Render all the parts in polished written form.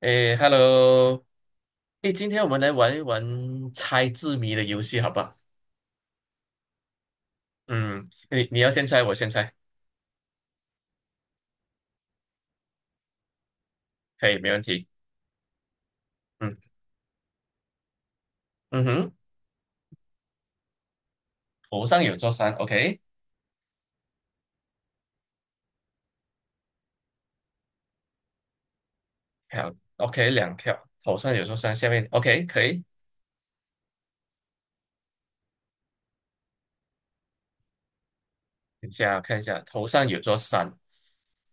诶，Hello。诶，今天我们来玩一玩猜字谜的游戏，好不好？嗯。你要先猜，我先猜。可以，没问题。嗯嗯哼。头上有座山，OK。好，OK，两条。头上有座山，下面 OK，可以。等一下看一下，头上有座山，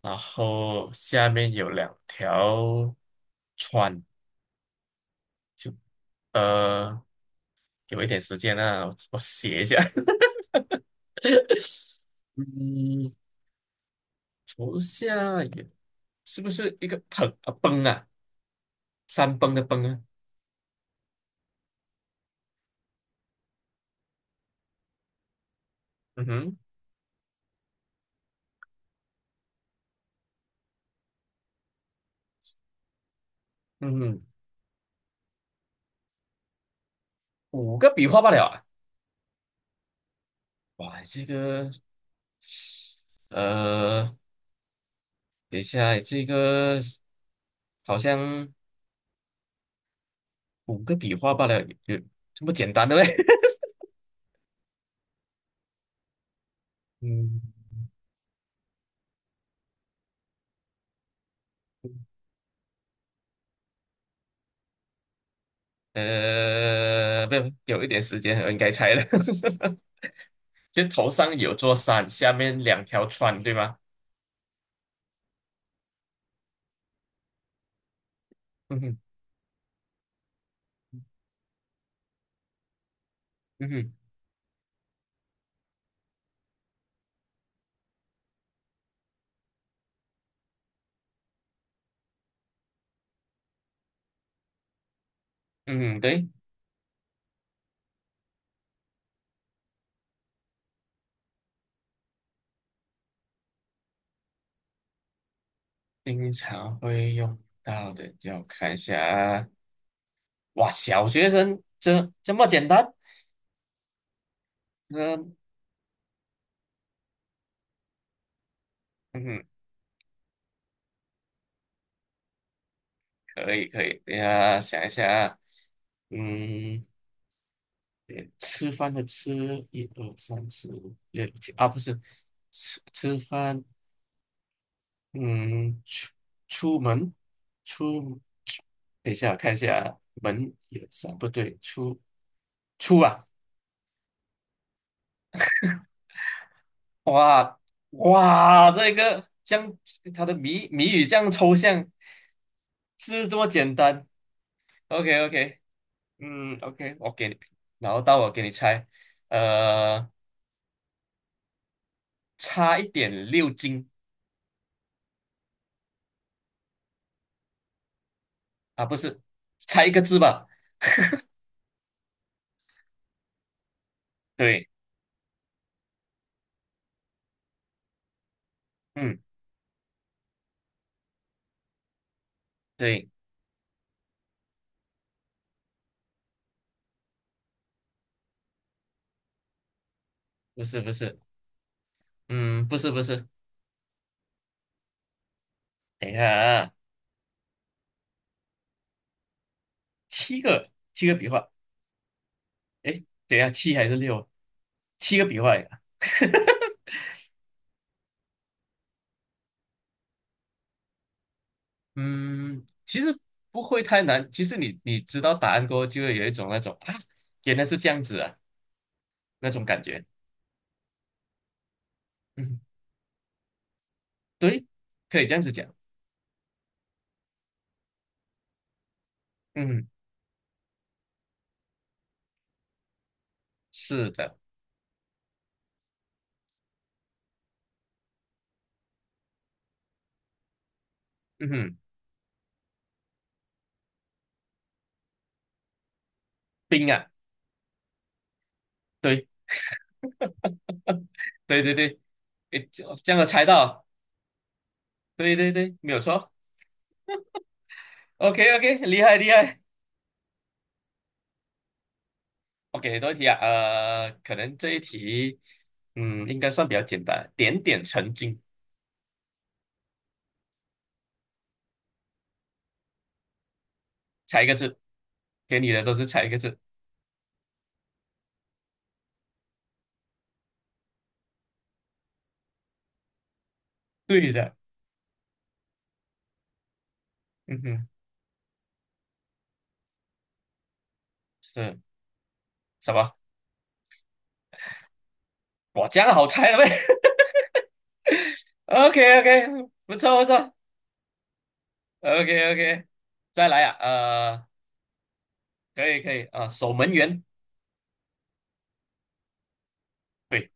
然后下面有两条川。就呃，有一点时间啊，我写一下。嗯，头下有，是不是一个盆啊崩啊？山崩的崩啊。嗯哼。嗯哼。五个笔画罢了啊！哇，这个呃，等一下，这个好像五个笔画罢了，有这么简单的呗？嗯，不，有一点时间，我应该猜了。就头上有座山，下面两条船，对吗？嗯哼。嗯哼。嗯哼，对，经常会用到的，就看一下啊。哇，小学生这么简单？嗯、嗯哼。可以可以，等一下想一下啊。嗯，对吃饭的吃，一二三四五六七啊，不是吃饭，嗯，出门出，出等一下我看一下啊，门也算不对，出啊。哇哇，这个这样它的谜语这样抽象，是这么简单。OK OK。嗯 OK，我给你，然后到我给你猜，呃。差一点六斤啊，不是，差一个字吧？对。嗯，对，不是不是。嗯，不是不是。等一下啊，七个笔画。诶，等一下七还是六？七个笔画呀。嗯，其实不会太难。其实你知道答案过后，就会有一种那种啊，原来是这样子啊，那种感觉。嗯，对，可以这样子讲。嗯，是的。嗯哼，冰啊。对，对对对。诶，这样我猜到。对对对，没有错。OK OK，厉害厉害。OK，多一题啊，可能这一题。嗯，应该算比较简单，点点成金，猜一个字，给你的都是猜一个字。对的。嗯哼，是什么？哇，这样好猜了呗。OK OK，不错不错。OK OK，再来啊，可以可以啊，守门员，对，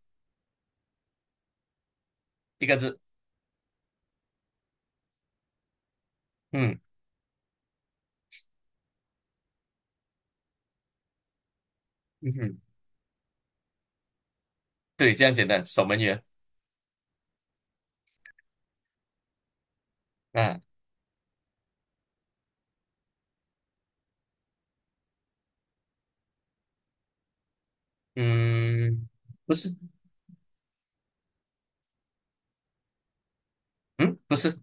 一个字。嗯嗯哼，对，这样简单，守门员。啊。嗯，不是。嗯，不是。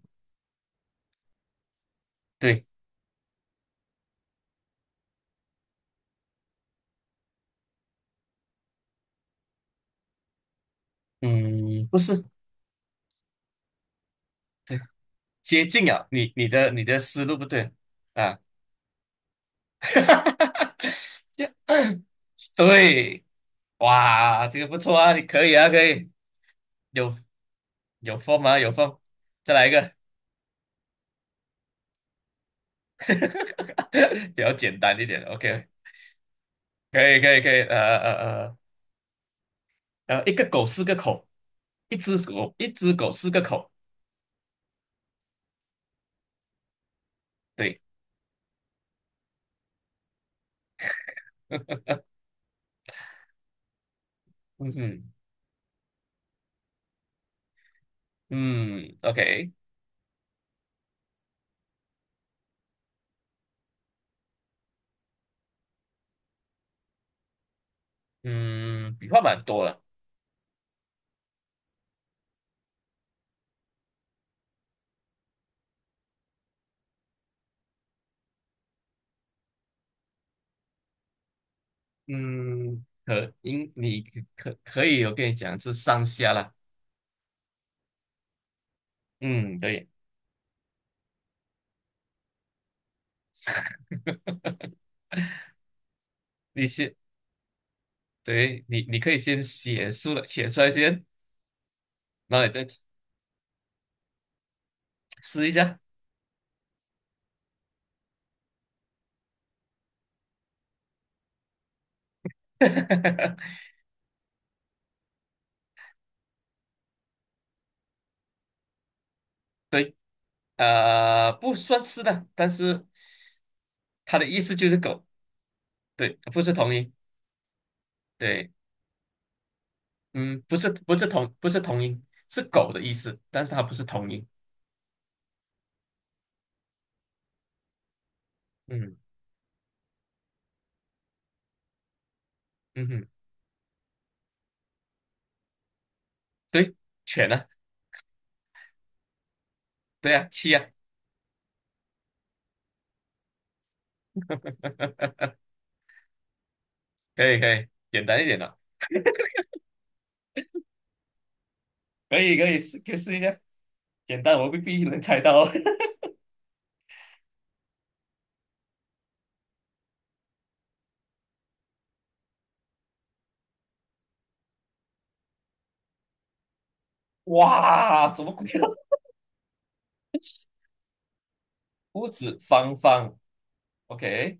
对，嗯，不是。对，接近啊，你的思路不对啊。哈哈这 对。哇，这个不错啊，你可以啊，可以，有有风吗？有风，再来一个。比较简单一点，OK。可以可以可以，一个狗四个口，一只狗四个口。对，嗯嗯嗯，OK。嗯，笔画蛮多了。嗯，你可以，我跟你讲是上下啦。嗯，对，你先，对你可以先写出来，写出来先，然后你再试一下。对，不算是的，但是它的意思就是狗，对，不是同音，对，嗯，不是不是不是同音，是狗的意思，但是它不是同音。嗯嗯哼，对，犬呢？对啊，七啊，可以可以，简单一点的，可以可以试，可以试一下。简单，我未必能猜到。哇，怎么鬼啊？屋子方方，OK。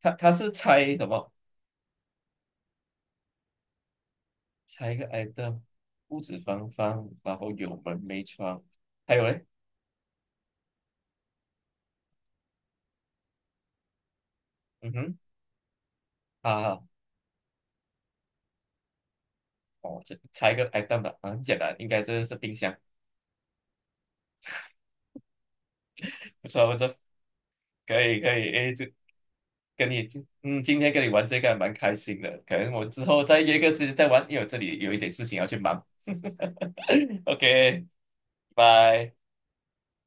他是猜什么？猜一个 item，屋子方方，然后有门没窗，还有嘞，嗯哼，啊，哦，这猜一个 item 吧。啊很简单，应该这是冰箱。不错，不错，可以可以。诶，这跟你今天跟你玩这个还蛮开心的，可能我之后再约个时间再玩，因为我这里有一点事情要去忙。OK，拜。